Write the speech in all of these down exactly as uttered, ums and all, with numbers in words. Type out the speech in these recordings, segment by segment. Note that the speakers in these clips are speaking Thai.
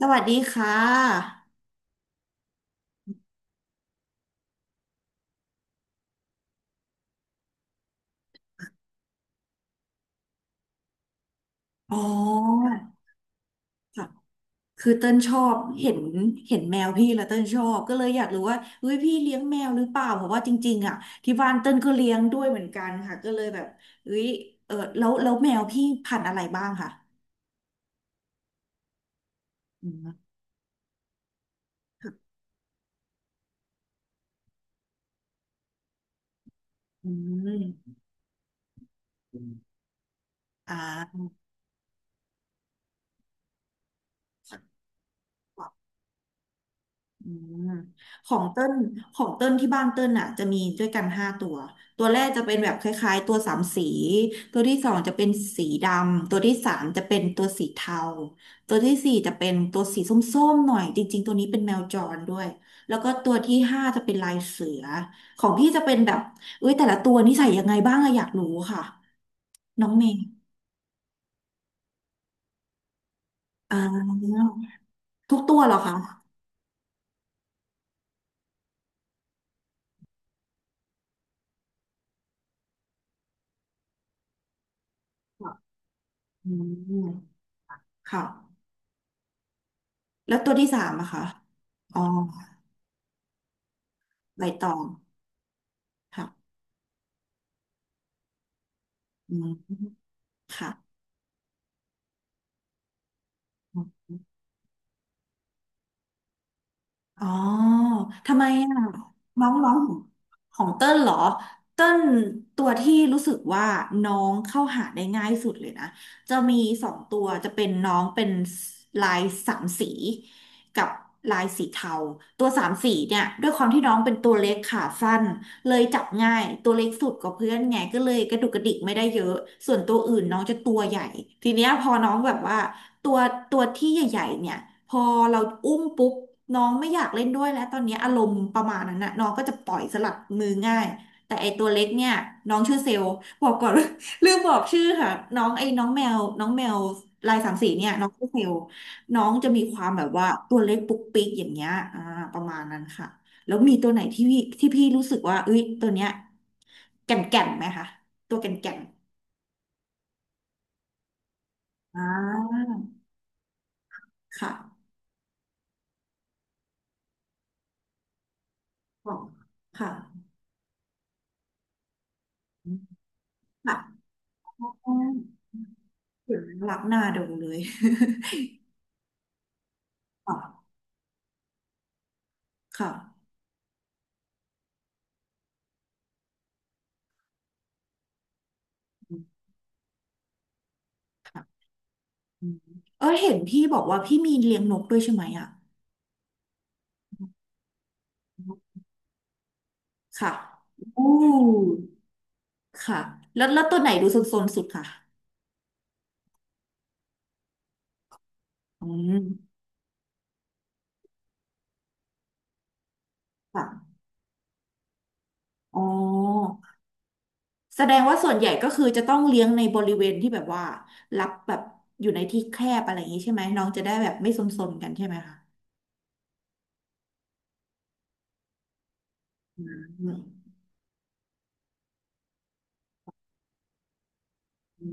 สวัสดีค่ะอ๋อค่ะคือเต้นชอบเห็นเห็นแมวพี่แล้วเต้นชอบก็เลยอยากรู้ว่าเฮ้ยพี่เลี้ยงแมวหรือเปล่าเพราะว่าจริงๆอ่ะที่บ้านเต้นก็เลี้ยงด้วยเหมือนกันค่ะก็เลยแบบเฮ้ยเออแล้วแล้วแมวพี่พันธุ์อะไรบ้างค่ะอืมค่ะอืมอ่า อืมของเติ้นของเติ้นที่บ้านเติ้นอ่ะจะมีด้วยกันห้าตัวตัวแรกจะเป็นแบบคล้ายๆตัวสามสีตัวที่สองจะเป็นสีดำตัวที่สามจะเป็นตัวสีเทาตัวที่สี่จะเป็นตัวสีส้มๆหน่อยจริงๆตัวนี้เป็นแมวจรด้วยแล้วก็ตัวที่ห้าจะเป็นลายเสือของพี่จะเป็นแบบเอ้ยแต่ละตัวนิสัยยังไงบ้างอะอยากรู้ค่ะน้องเมย์อ่าทุกตัวเหรอคะค่ะอืมค่ะแล้วตัวที่สามอะคะอ๋อ ใบตองค่ะอืมค่ะอ๋อทำไมอ่ะน้องน้องของเติ้ลเหรอเติ้ลตัวที่รู้สึกว่าน้องเข้าหาได้ง่ายสุดเลยนะจะมีสองตัวจะเป็นน้องเป็นลายสามสีกับลายสีเทาตัวสามสีเนี่ยด้วยความที่น้องเป็นตัวเล็กขาสั้นเลยจับง่ายตัวเล็กสุดกว่าเพื่อนไงก็เลยกระดุกกระดิกไม่ได้เยอะส่วนตัวอื่นน้องจะตัวใหญ่ทีเนี้ยพอน้องแบบว่า ตัวตัวที่ใหญ่ๆเนี่ยพอเราอุ้มปุ๊บน้องไม่อยากเล่นด้วยแล้วตอนนี้อารมณ์ประมาณนั้นน่ะน้องก็จะปล่อยสลัดมือง่ายแต่ไอตัวเล็กเนี่ยน้องชื่อเซลล์บอกก่อน ลืมบอกชื่อค่ะน้องไอ้น้องแมวน้องแมวลายสามสีเนี่ยน้องชื่อเซลล์น้องจะมีความแบบว่าตัวเล็กปุ๊กปิ๊กอย่างเงี้ยอ่าประมาณนั้นค่ะแล้วมีตัวไหนที่พี่ที่พี่รู้สึกว่าเอ้ยตัวเนี้ยแก่นแก่นไหมคะตัวแก่นแก่นอ่าค่ะค่ะค่ะ อ๋อเห็นแล้วรักหน้าดูเลย ค่ะค่ะอืมค่ะอืมเออเห็นพี่บอกว่าพี่มีเลี้ยงนกด้วยใช่ไหมอ่ะค่ะโอ้ค่ะแล้วแล้วตัวไหนดูโซนๆสุดค่ะอืมค่ะอ๋อแสดงว่าส่วนใหญ่ก็คือจะต้องเลี้ยงในบริเวณที่แบบว่ารับแบบอยู่ในที่แคบอะไรอย่างนี้ใช่ไหมน้องจะได้แบบไม่ซนๆกันใช่ไหมคะอืมอื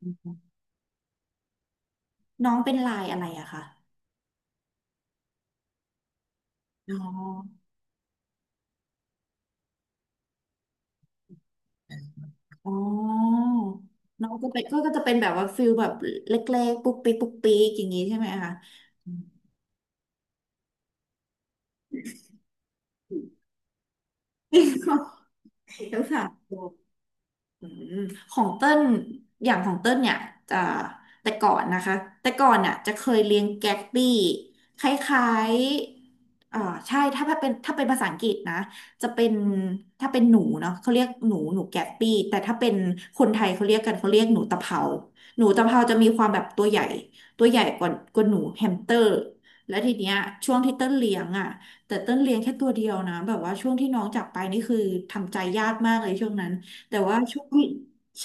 มน้องเป็นลายอะไรอะคะอ๋อ อ๋อน้องก็เป็นก็ก็จะเป็นแบบว่าฟิลแบบเล็กๆปุ๊กปี๊กปุ๊กปี๊กอย่างนี้ใช่ไหมคะอืม ทั้งสามตัว อืมของเต้นอย่างของเต้นเนี่ยจะแต่ก่อนนะคะแต่ก่อนเนี่ยจะเคยเลี้ยงแก๊กบี้คล้ายๆเอ่อใช่ถ้าเป็นถ้าเป็นภาษาอังกฤษนะจะเป็นถ้าเป็นหนูเนาะเขาเรียกหนูหนูแก๊กบี้แต่ถ้าเป็นคนไทยเขาเรียกกันเขาเรียกหนูตะเภาหนูตะเภาจะมีความแบบตัวใหญ่ตัวใหญ่กว่ากว่าหนูแฮมสเตอร์แล้วทีเนี้ยช่วงที่เต้นเลี้ยงอ่ะแต่เต้นเลี้ยงแค่ตัวเดียวนะแบบว่าช่วงที่น้องจากไปนี่คือทำใจยากมากเลยช่วงนั้น แต่ว่าช่วง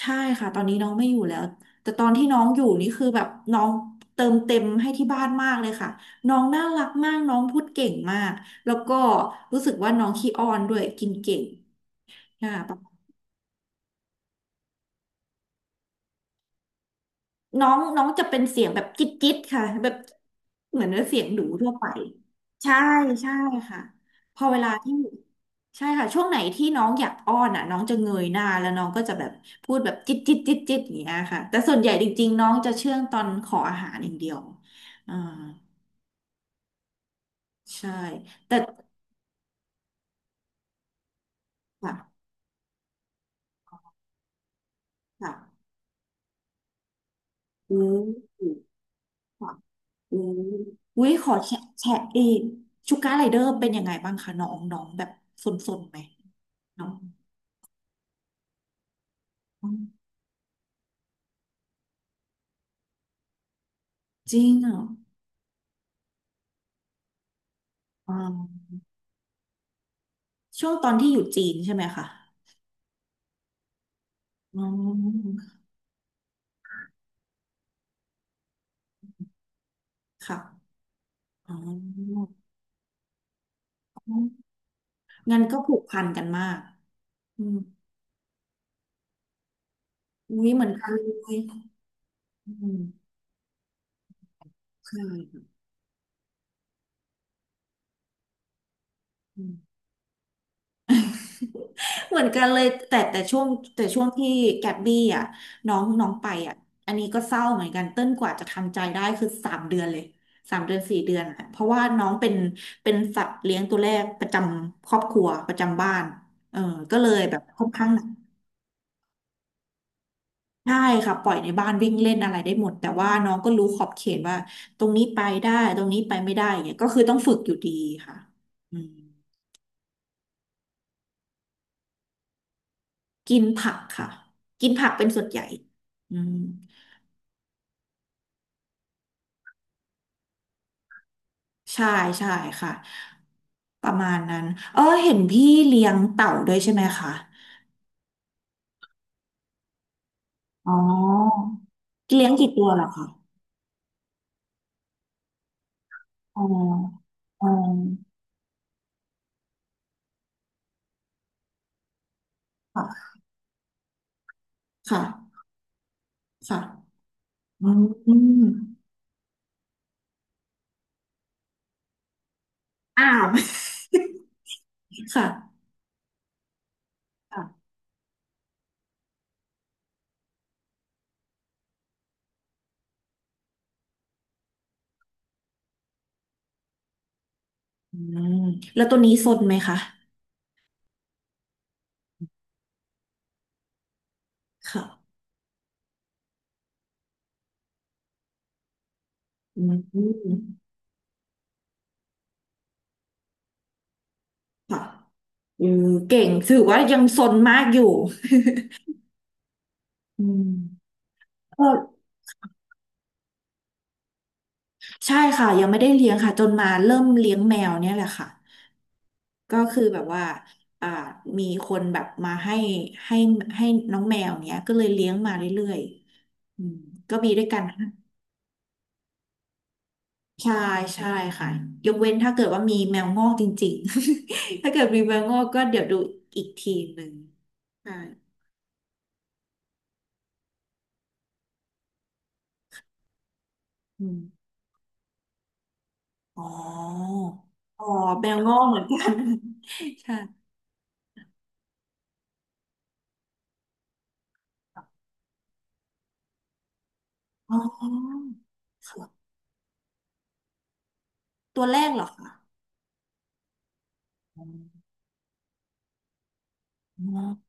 ใช่ค่ะ ตอนนี้น้องไม่อยู่แล้ว แต่ตอนที่น้องอยู่นี่คือแบบน้องเติมเต็มให้ที่บ้านมากเลยค่ะ น้องน่ารักมาก น้องพูดเก่งมาก แล้วก็รู้สึกว่าน้องขี้อ้อนด้วยกินเก่งค่ะ น้องน้องจะเป็นเสียงแบบจิ๊ดจิ๊ดค่ะแบบเหมือนเสียงหนูทั่วไปใช่ใช่ค่ะพอเวลาที่ใช่ค่ะช่วงไหนที่น้องอยากอ้อนอ่ะน้องจะเงยหน้าแล้วน้องก็จะแบบพูดแบบจิ๊ดจิ๊ดจิ๊ดจิ๊ดอย่างเงี้ยค่ะแต่ส่วนใหญ่จริงๆน้องจะเชื่องตอนขออาหารอย่างเดียวอ่าใช่แต่ค่ะค่ะอู้ค่ะอู้อุ้ยขอแชะแชะเองชูการ์ไรเดอร์เป็นยังไงบ้างคะน้องน้องแบบสนๆไหมน้อง จริงเหรออ๋อช่วงตอนที่อยู่จีนใช่ไหมคะอ๋อค่ะอ๋องั้นก็ผูกพันกันมากอืมอุ้ยเหมือนกันเลยอืมใช่ค่ะอืมเหมือนกันเลยแต่แต่ช่วงแต่ช่วงที่แกบบี้อ่ะน้องน้องไปอ่ะอันนี้ก็เศร้าเหมือนกันเต้นกว่าจะทำใจได้คือสามเดือนเลยสามเดือนสี่เดือนอะเพราะว่าน้องเป็นเป็นสัตว์เลี้ยงตัวแรกประจำครอบครัวประจำบ้านเออก็เลยแบบค่อนข้างหนัก ใช่ค่ะปล่อยในบ้านวิ่งเล่นอะไรได้หมดแต่ว่าน้องก็รู้ขอบเขตว่าตรงนี้ไปได้ตรงนี้ไปไม่ได้เนี่ยก็คือต้องฝึกอยู่ดีค่ะอืมกินผักค่ะกินผักเป็นส่วนใหญ่อืมใช่ใช่ค่ะประมาณนั้นเออเห็นพี่เลี้ยงเต่าด้วยใช่ไหมคะอ๋อเลี้ยงกี่ตัวเหรอคะอ๋ออ๋อค่ะค่ะค่ะอืมอมอ้าว ค่ะค่ะอืมแล้วตัวนี้สนไหมคะ ค่ะอืมค่ะเออเก่งถือว่ายังสนมากอยู่ อืม ก็ใช่ค่ะ ยังไม่ได้เลี้ยงค่ะ จนมาเริ่มเลี้ยงแมวเนี่ยแหละค่ะก็คือแบบว่าอ่ามีคนแบบมาให้ให้ให้น้องแมวเนี้ยก็เลยเลี้ยงมาเรื่อยๆอืมก็มีด้วยกันนะใช่ใช่ค่ะยกเว้นถ้าเกิดว่ามีแมวงอกจริงๆ ถ้าเกิดมีแมวงอกก็เดี๋ยวดูอีกทีหนึ่งใช่ อ๋ออ๋อแมวงอกเหมือนกัน ใช่อ๋อค่ะตัวแรกเหรอคะอ๋อ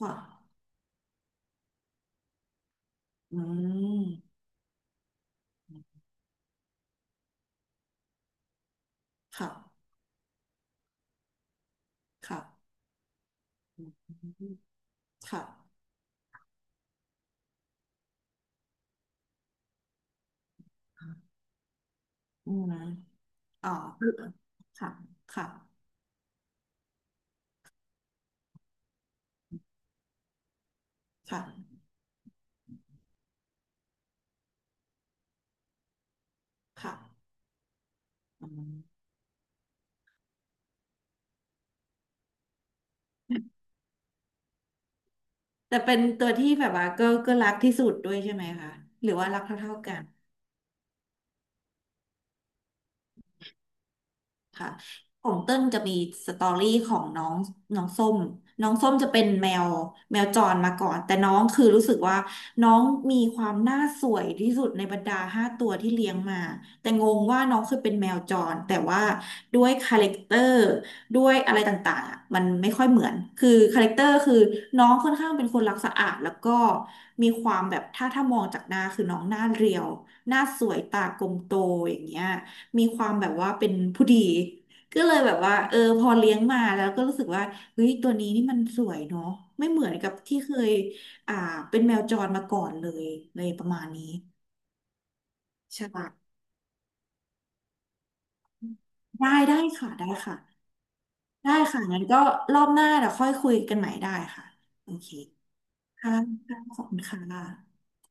ค่ะอืมค่ะค่ะอืมค่ะอืมอ๋อค่ะค่ะค่ะค่ะอืมแต่เป็นตัวที่แบบว่าก็ก็รักที่สุดด้วยใช่ไหมคะหรือว่ารักเท่าๆกัน ค่ะของเติ้ลจะมีสตอรี่ของน้องน้องส้มน้องส้มจะเป็นแมวแมวจรมาก่อน แต่น้องคือรู้สึกว่าน้องมีความน่าสวยที่สุดในบรรดาห้าตัวที่เลี้ยงมา แต่งงว่าน้องเคยเป็นแมวจรแต่ว่าด้วยคาแรคเตอร์ด้วยอะไรต่างๆอะมันไม่ค่อยเหมือนคือคาแรคเตอร์คือน้องค่อนข้างเป็นคนรักสะอาดแล้วก็มีความแบบถ้าถ้ามองจากหน้าคือน้องหน้าเรียวหน้าสวยตากลมโตอย่างเงี้ย มีความแบบว่าเป็นผู้ดีก็เลยแบบว่าเออพอเลี้ยงมาแล้วก็รู้สึกว่าเฮ้ยตัวนี้นี่มันสวยเนาะไม่เหมือนกับที่เคยอ่าเป็นแมวจรมาก่อนเลยเลยประมาณนี้ใช่ปะได้ได้ค่ะได้ค่ะได้ค่ะงั้นก็รอบหน้าเดี๋ยวค่อยคุยกันใหม่ได้ค่ะโอเคค่ะค่ะขอบคุณค่ะ